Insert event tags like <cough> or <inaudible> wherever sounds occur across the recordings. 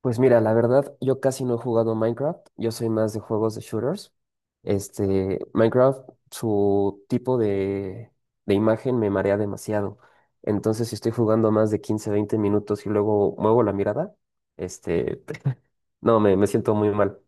Pues mira, la verdad, yo casi no he jugado Minecraft, yo soy más de juegos de shooters. Minecraft, su tipo de imagen me marea demasiado. Entonces, si estoy jugando más de 15, 20 minutos y luego muevo la mirada, este, no, me siento muy mal.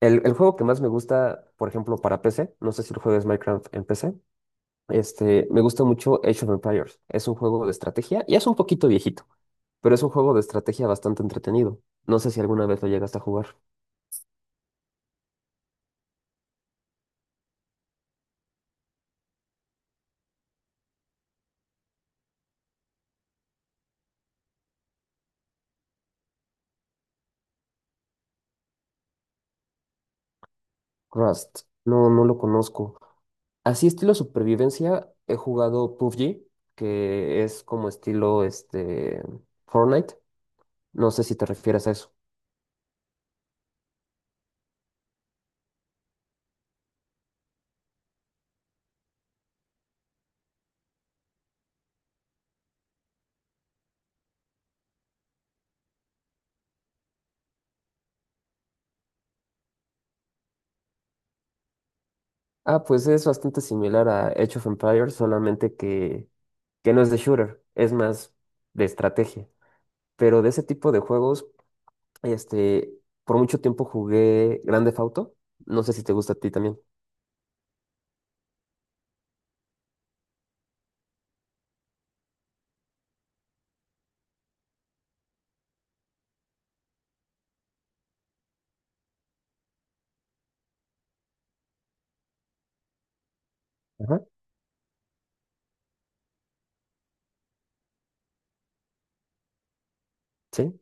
El juego que más me gusta, por ejemplo, para PC, no sé si lo juegas Minecraft en PC. Me gusta mucho Age of Empires. Es un juego de estrategia y es un poquito viejito, pero es un juego de estrategia bastante entretenido. No sé si alguna vez lo llegaste a jugar. Rust, no, no lo conozco. Así estilo supervivencia, he jugado PUBG, que es como estilo Fortnite. No sé si te refieres a eso. Ah, pues es bastante similar a Age of Empires, solamente que no es de shooter, es más de estrategia. Pero de ese tipo de juegos, este, por mucho tiempo jugué Grande Theft Auto. No sé si te gusta a ti también. Ajá. Sí.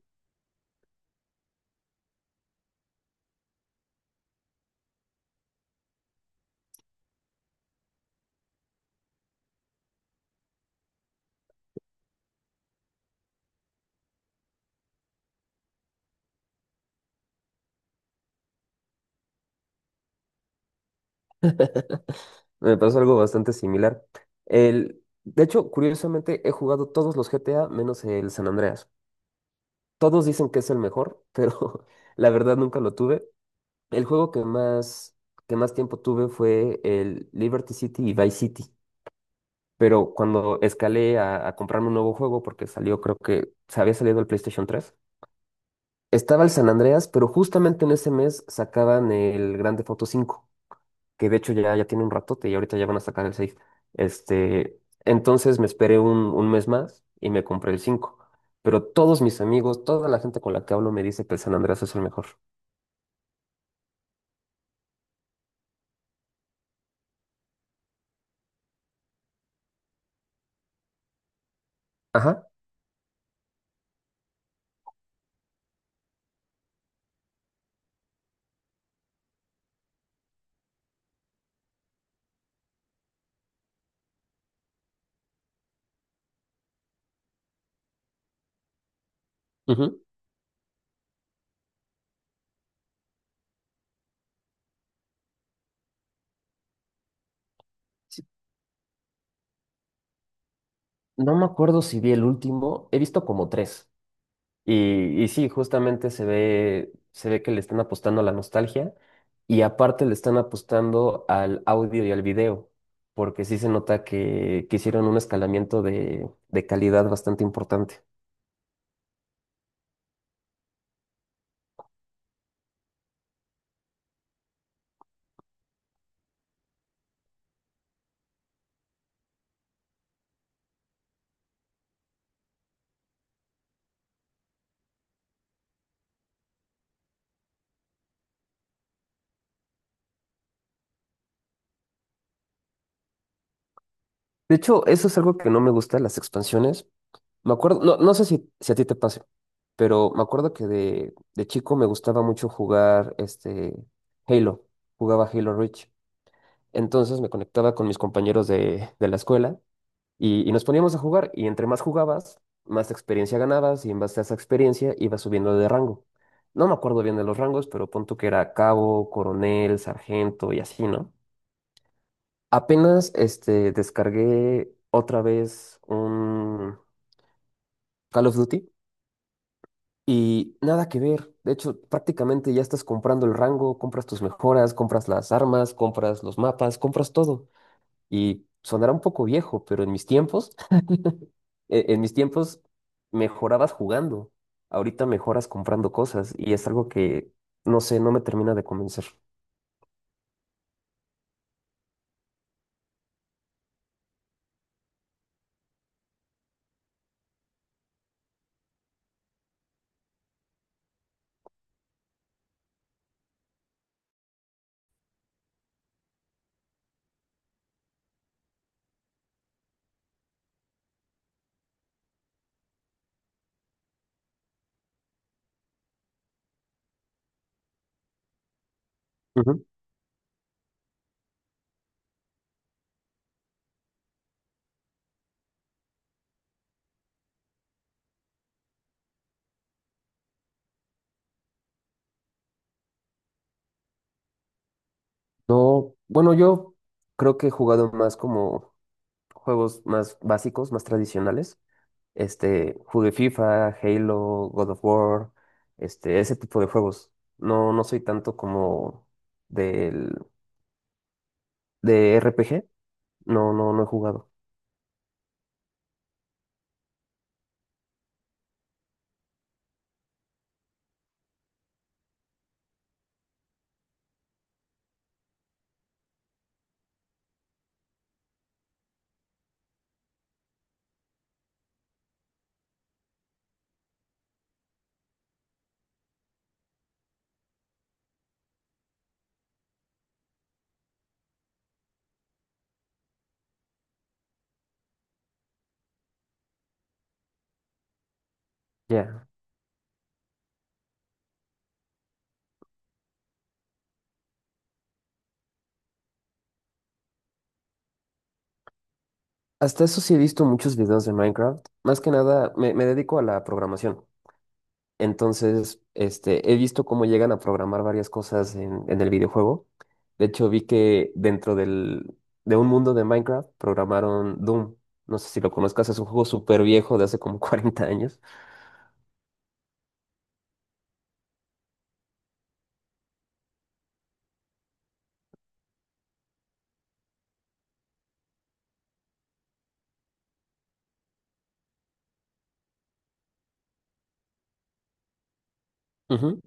Me pasó algo bastante similar. De hecho, curiosamente, he jugado todos los GTA menos el San Andreas. Todos dicen que es el mejor, pero <laughs> la verdad nunca lo tuve. El juego que más tiempo tuve fue el Liberty City y Vice City. Pero cuando escalé a comprarme un nuevo juego, porque salió, creo que se había salido el PlayStation 3, estaba el San Andreas, pero justamente en ese mes sacaban el Grande Foto 5, que de hecho ya, ya tiene un ratote y ahorita ya van a sacar el 6. Entonces me esperé un mes más y me compré el 5. Pero todos mis amigos, toda la gente con la que hablo me dice que el San Andreas es el mejor. Ajá. Ujú. Sí. No me acuerdo si vi el último, he visto como tres. Y sí, justamente se ve que le están apostando a la nostalgia, y aparte le están apostando al audio y al video, porque sí se nota que hicieron un escalamiento de calidad bastante importante. De hecho, eso es algo que no me gusta, las expansiones. Me acuerdo, no, no sé si a ti te pase, pero me acuerdo que de chico me gustaba mucho jugar Halo. Jugaba Halo Reach. Entonces me conectaba con mis compañeros de la escuela, y nos poníamos a jugar. Y entre más jugabas, más experiencia ganabas y en base a esa experiencia ibas subiendo de rango. No me acuerdo bien de los rangos, pero punto que era cabo, coronel, sargento y así, ¿no? Apenas descargué otra vez un Call of Duty y nada que ver. De hecho, prácticamente ya estás comprando el rango, compras tus mejoras, compras las armas, compras los mapas, compras todo. Y sonará un poco viejo, pero en mis tiempos, <laughs> e- en mis tiempos mejorabas jugando. Ahorita mejoras comprando cosas y es algo que, no sé, no me termina de convencer. Ujú. No, bueno, yo creo que he jugado más como juegos más básicos, más tradicionales. Jugué FIFA, Halo, God of War, ese tipo de juegos. No, no soy tanto como del, de RPG. No, no, no he jugado. Ya. Hasta eso sí he visto muchos videos de Minecraft. Más que nada, me dedico a la programación. Entonces, he visto cómo llegan a programar varias cosas en el videojuego. De hecho, vi que dentro de un mundo de Minecraft programaron Doom. No sé si lo conozcas, es un juego súper viejo de hace como <laughs> 40 años. Ujú.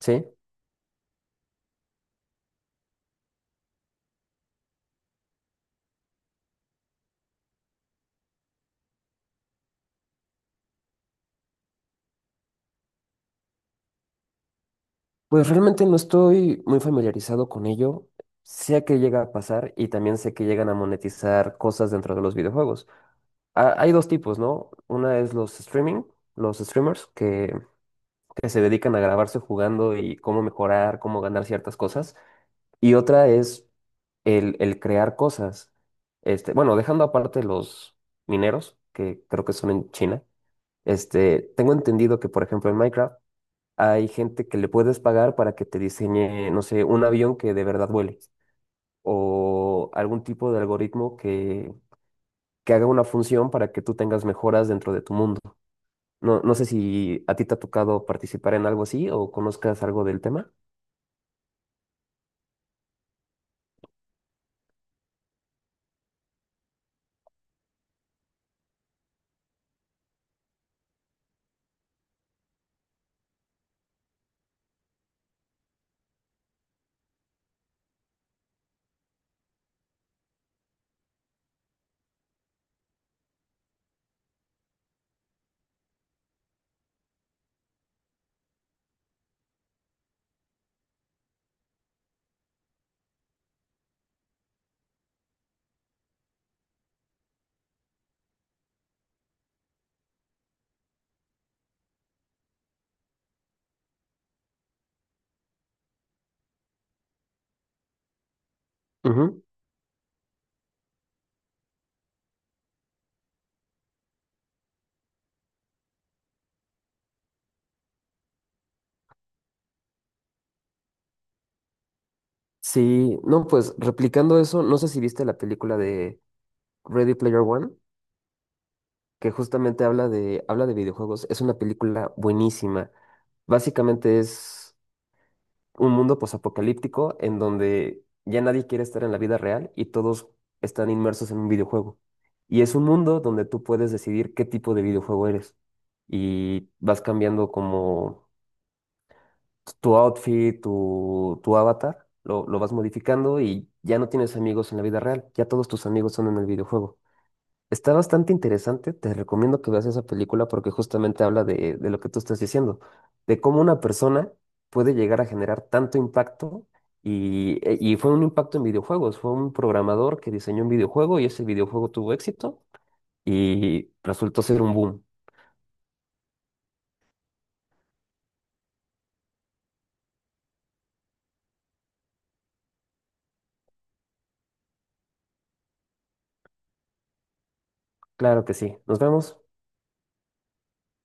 Sí, pues realmente no estoy muy familiarizado con ello. Sé que llega a pasar y también sé que llegan a monetizar cosas dentro de los videojuegos. Hay dos tipos, ¿no? Una es los streaming, los streamers que se dedican a grabarse jugando y cómo mejorar, cómo ganar ciertas cosas. Y otra es el crear cosas. Bueno, dejando aparte los mineros, que creo que son en China. Tengo entendido que, por ejemplo, en Minecraft hay gente que le puedes pagar para que te diseñe, no sé, un avión que de verdad vuele o algún tipo de algoritmo que haga una función para que tú tengas mejoras dentro de tu mundo. No, no sé si a ti te ha tocado participar en algo así o conozcas algo del tema. Ujú. Sí, no, pues replicando eso, no sé si viste la película de Ready Player One, que justamente habla de videojuegos. Es una película buenísima. Básicamente es un mundo posapocalíptico en donde ya nadie quiere estar en la vida real y todos están inmersos en un videojuego. Y es un mundo donde tú puedes decidir qué tipo de videojuego eres. Y vas cambiando como tu outfit, tu avatar, lo vas modificando y ya no tienes amigos en la vida real, ya todos tus amigos son en el videojuego. Está bastante interesante, te recomiendo que veas esa película porque justamente habla de lo que tú estás diciendo, de cómo una persona puede llegar a generar tanto impacto, y fue un impacto en videojuegos, fue un programador que diseñó un videojuego y ese videojuego tuvo éxito y resultó ser un boom. Claro que sí, nos vemos.